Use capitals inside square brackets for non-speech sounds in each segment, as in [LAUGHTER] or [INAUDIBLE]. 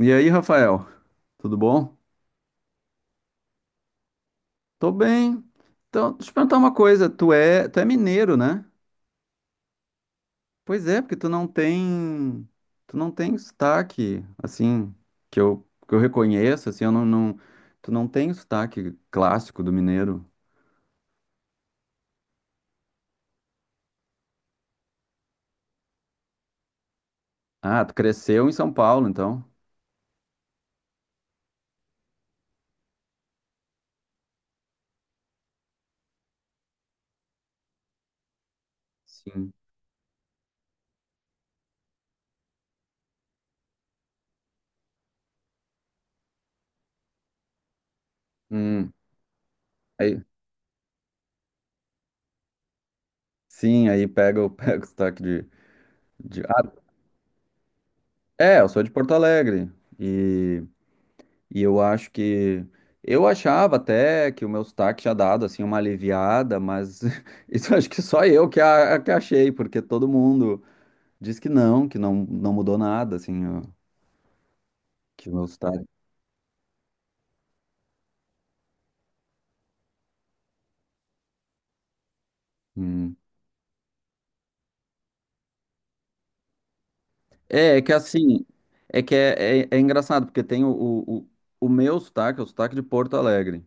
E aí, Rafael, tudo bom? Tô bem. Então, deixa eu te perguntar uma coisa, tu é mineiro, né? Pois é, porque tu não tem sotaque, assim, que eu reconheço, assim, eu não, não, tu não tem o sotaque clássico do mineiro. Ah, tu cresceu em São Paulo, então. Sim. Hum, aí, sim, aí [LAUGHS] pega o sotaque Ah, é, eu sou de Porto Alegre e... E eu acho que. Eu achava até que o meu sotaque tinha dado assim uma aliviada, mas [LAUGHS] isso acho que só eu que achei, porque todo mundo diz que não, não mudou nada, assim, ó, que o meu sotaque. Hum. É, que assim, é engraçado, porque tem o meu sotaque, é o sotaque de Porto Alegre.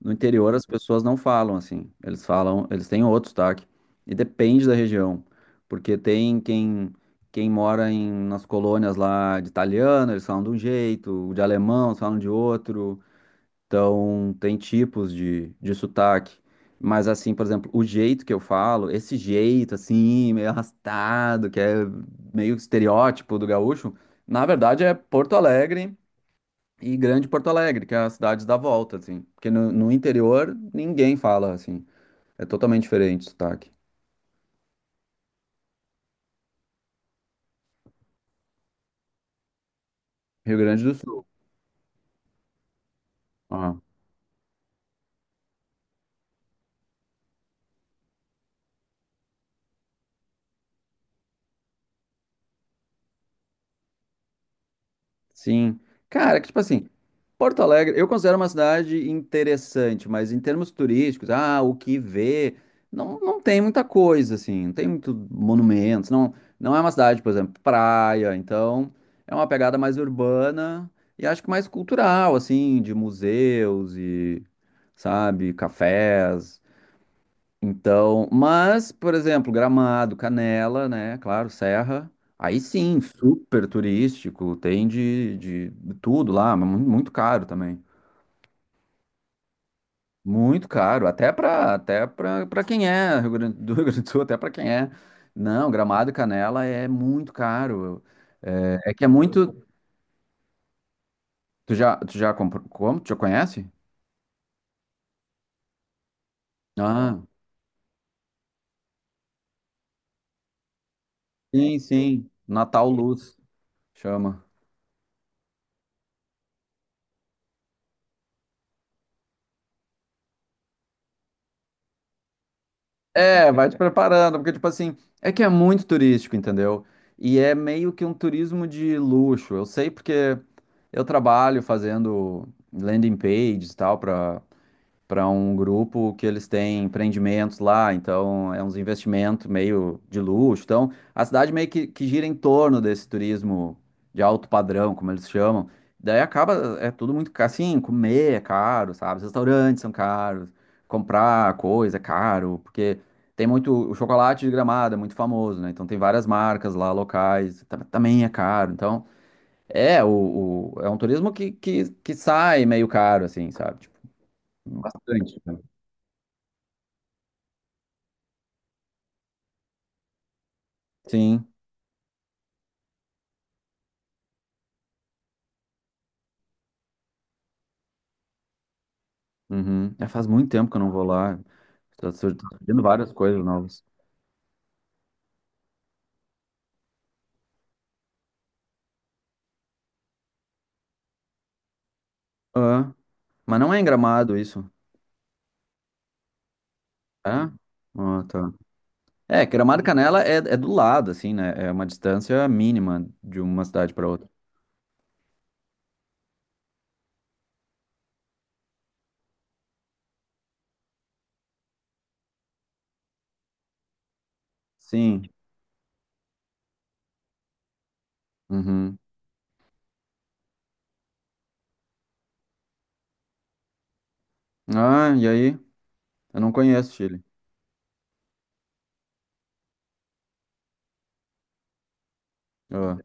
No interior as pessoas não falam assim. Eles falam, eles têm outro sotaque. E depende da região, porque tem quem mora nas colônias lá de italiano, eles falam de um jeito, de alemão, eles falam de outro. Então tem tipos de sotaque. Mas assim, por exemplo, o jeito que eu falo, esse jeito assim, meio arrastado, que é meio estereótipo do gaúcho, na verdade é Porto Alegre e Grande Porto Alegre, que é as cidades da volta, assim. Porque no interior ninguém fala assim. É totalmente diferente o sotaque. Rio Grande do Sul. Ah, sim. Cara, que tipo assim, Porto Alegre, eu considero uma cidade interessante, mas em termos turísticos, o que ver, não tem muita coisa, assim, não tem muito monumentos, não, não é uma cidade, por exemplo, praia, então é uma pegada mais urbana e acho que mais cultural, assim, de museus e, sabe, cafés. Então, mas, por exemplo, Gramado, Canela, né? Claro, Serra. Aí sim, super turístico, tem de tudo lá, mas muito caro também. Muito caro, até para para quem é do Rio Grande do Sul, até para quem é. Não, Gramado e Canela é muito caro. É, que é muito. Tu já comprou? Como? Tu já conhece? Ah, sim, sim. Natal Luz chama. É, vai te preparando, porque, tipo assim, é que é muito turístico, entendeu? E é meio que um turismo de luxo. Eu sei porque eu trabalho fazendo landing pages e tal, para um grupo que eles têm empreendimentos lá, então é uns investimentos meio de luxo. Então, a cidade meio que gira em torno desse turismo de alto padrão, como eles chamam. Daí acaba, é tudo muito assim, comer é caro, sabe? Os restaurantes são caros, comprar coisa é caro, porque tem muito, o chocolate de Gramado é muito famoso, né? Então tem várias marcas lá locais, também é caro. Então, é um turismo que sai meio caro, assim, sabe? Tipo, bastante, né? Sim. Uhum. É, faz muito tempo que eu não vou lá. Tá surgindo várias coisas novas. Ah, mas não é em Gramado isso. É? Ah, tá. É, Gramado e Canela é do lado, assim, né? É uma distância mínima de uma cidade para outra. Sim. Uhum. Ah, e aí? Eu não conheço Chile. Ah,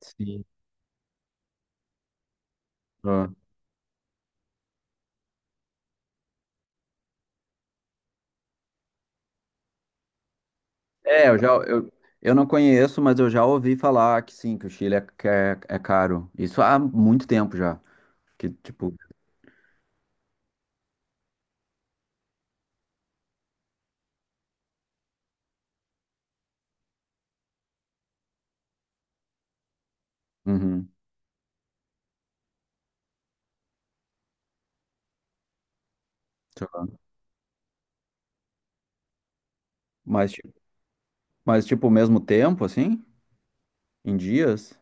sim. Ah. É, eu já. Eu não conheço, mas eu já ouvi falar que sim, que o Chile é caro. Isso há muito tempo já. Que, tipo. Uhum. Sei lá. Mas. Mas, tipo, o mesmo tempo, assim? Em dias?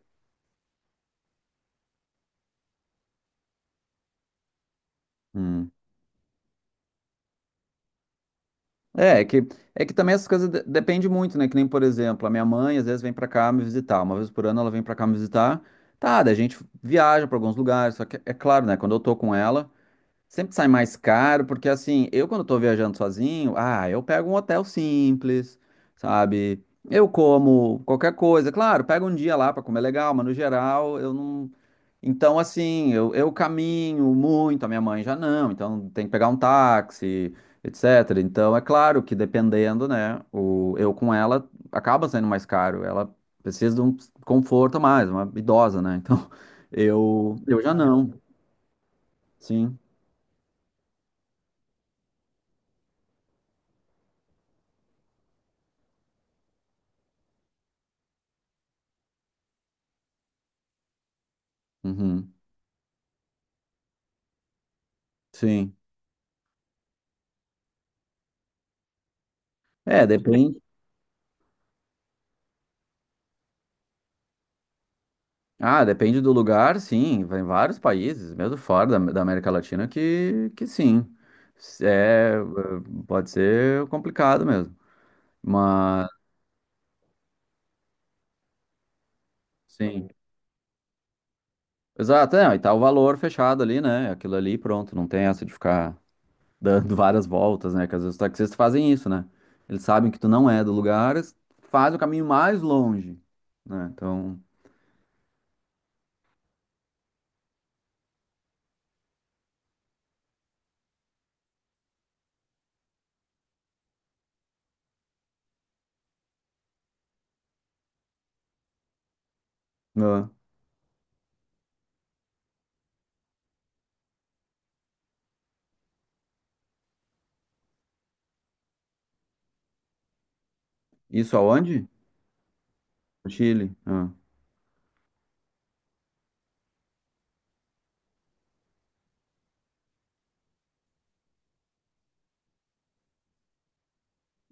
Hum. É, é que também essas coisas de depende muito, né? Que nem, por exemplo, a minha mãe às vezes vem pra cá me visitar. Uma vez por ano ela vem pra cá me visitar. Tá, daí a gente viaja pra alguns lugares. Só que, é claro, né? Quando eu tô com ela, sempre sai mais caro, porque assim, eu quando tô viajando sozinho, eu pego um hotel simples, sabe? Eu como qualquer coisa. Claro, pego um dia lá pra comer legal, mas no geral eu não. Então, assim, eu caminho muito, a minha mãe já não, então tem que pegar um táxi, etc. Então, é claro que dependendo, né, eu com ela acaba sendo mais caro, ela precisa de um conforto a mais, uma idosa, né? Então, [LAUGHS] eu já não, sim, uhum, sim. É, depende. Ah, depende do lugar, sim, vai em vários países, mesmo fora da América Latina, que sim, é, pode ser complicado mesmo. Mas. Sim. Exato, e tá o valor fechado ali, né? Aquilo ali, pronto, não tem essa de ficar dando [LAUGHS] várias voltas, né? Que às vezes os taxistas fazem isso, né? Eles sabem que tu não é do lugar, eles fazem o caminho mais longe, né? Então, ah, isso aonde? No Chile. Ah.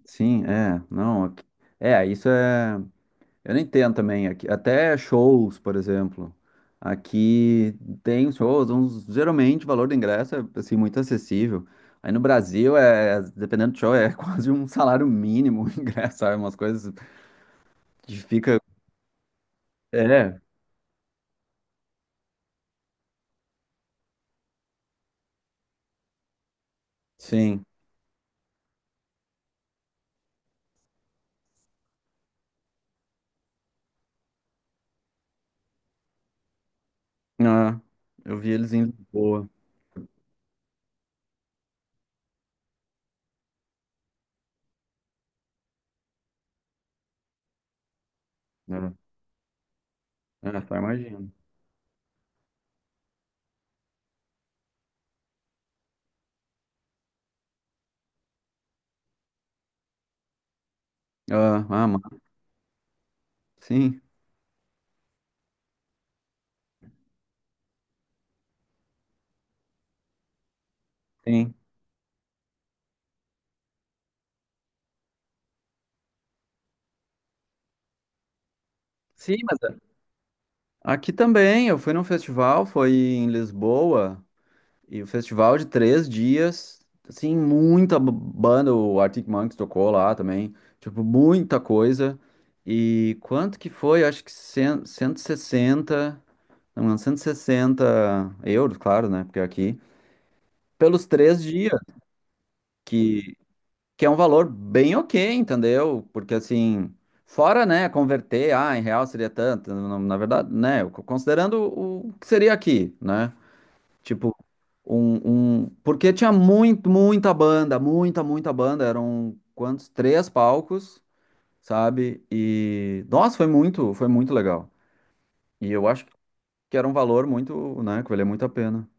Sim, é, não, é, isso é. Eu nem entendo também aqui, até shows, por exemplo. Aqui tem shows, uns, geralmente o valor do ingresso é assim muito acessível. Aí no Brasil é, dependendo do show, é [LAUGHS] quase um salário mínimo o ingresso, sabe? Umas coisas que fica. É, sim. Ah, eu vi eles em Lisboa, né? Ah, só imagino. Ah, sim, sim. Sim, mas aqui também, eu fui num festival, foi em Lisboa. E o festival de três dias, assim, muita banda, o Arctic Monkeys tocou lá também, tipo, muita coisa. E quanto que foi? Acho que 160 não, 160 euros, claro, né? Porque aqui, pelos três dias, que, que é um valor bem ok, entendeu? Porque assim, fora, né, converter, em real seria tanto, na verdade, né, considerando o que seria aqui, né? Tipo, porque tinha muito, muita banda, muita, muita banda. Eram quantos? Três palcos, sabe? E, nossa, foi muito, legal. E eu acho que era um valor muito, né? Que valia muito a pena.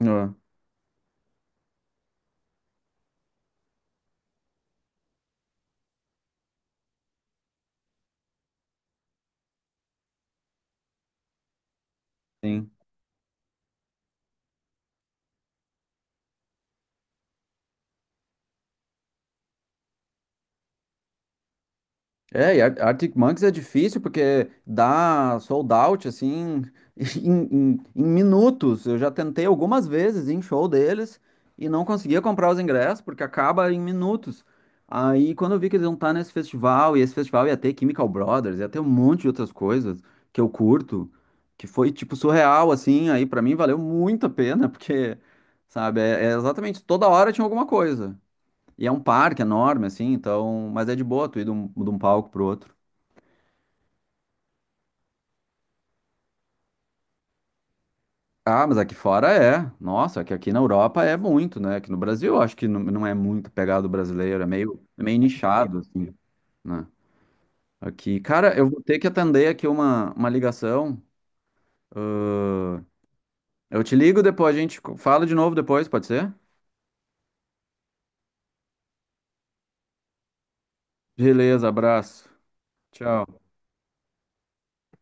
É, sim. É, e Arctic Monkeys é difícil porque dá sold out assim [LAUGHS] em minutos. Eu já tentei algumas vezes ir em show deles e não conseguia comprar os ingressos porque acaba em minutos. Aí quando eu vi que eles iam estar nesse festival e esse festival ia ter Chemical Brothers, ia ter um monte de outras coisas que eu curto, que foi tipo surreal assim. Aí pra mim valeu muito a pena [LAUGHS] porque, sabe, é exatamente toda hora tinha alguma coisa. E é um parque enorme, assim, então. Mas é de boa tu ir de um, palco pro outro. Ah, mas aqui fora é. Nossa, é que aqui na Europa é muito, né? Aqui no Brasil, eu acho que não é muito pegado brasileiro, é meio nichado, assim, né? Aqui. Cara, eu vou ter que atender aqui uma ligação. Ahn, eu te ligo depois, a gente fala de novo depois, pode ser? Beleza, abraço. Tchau.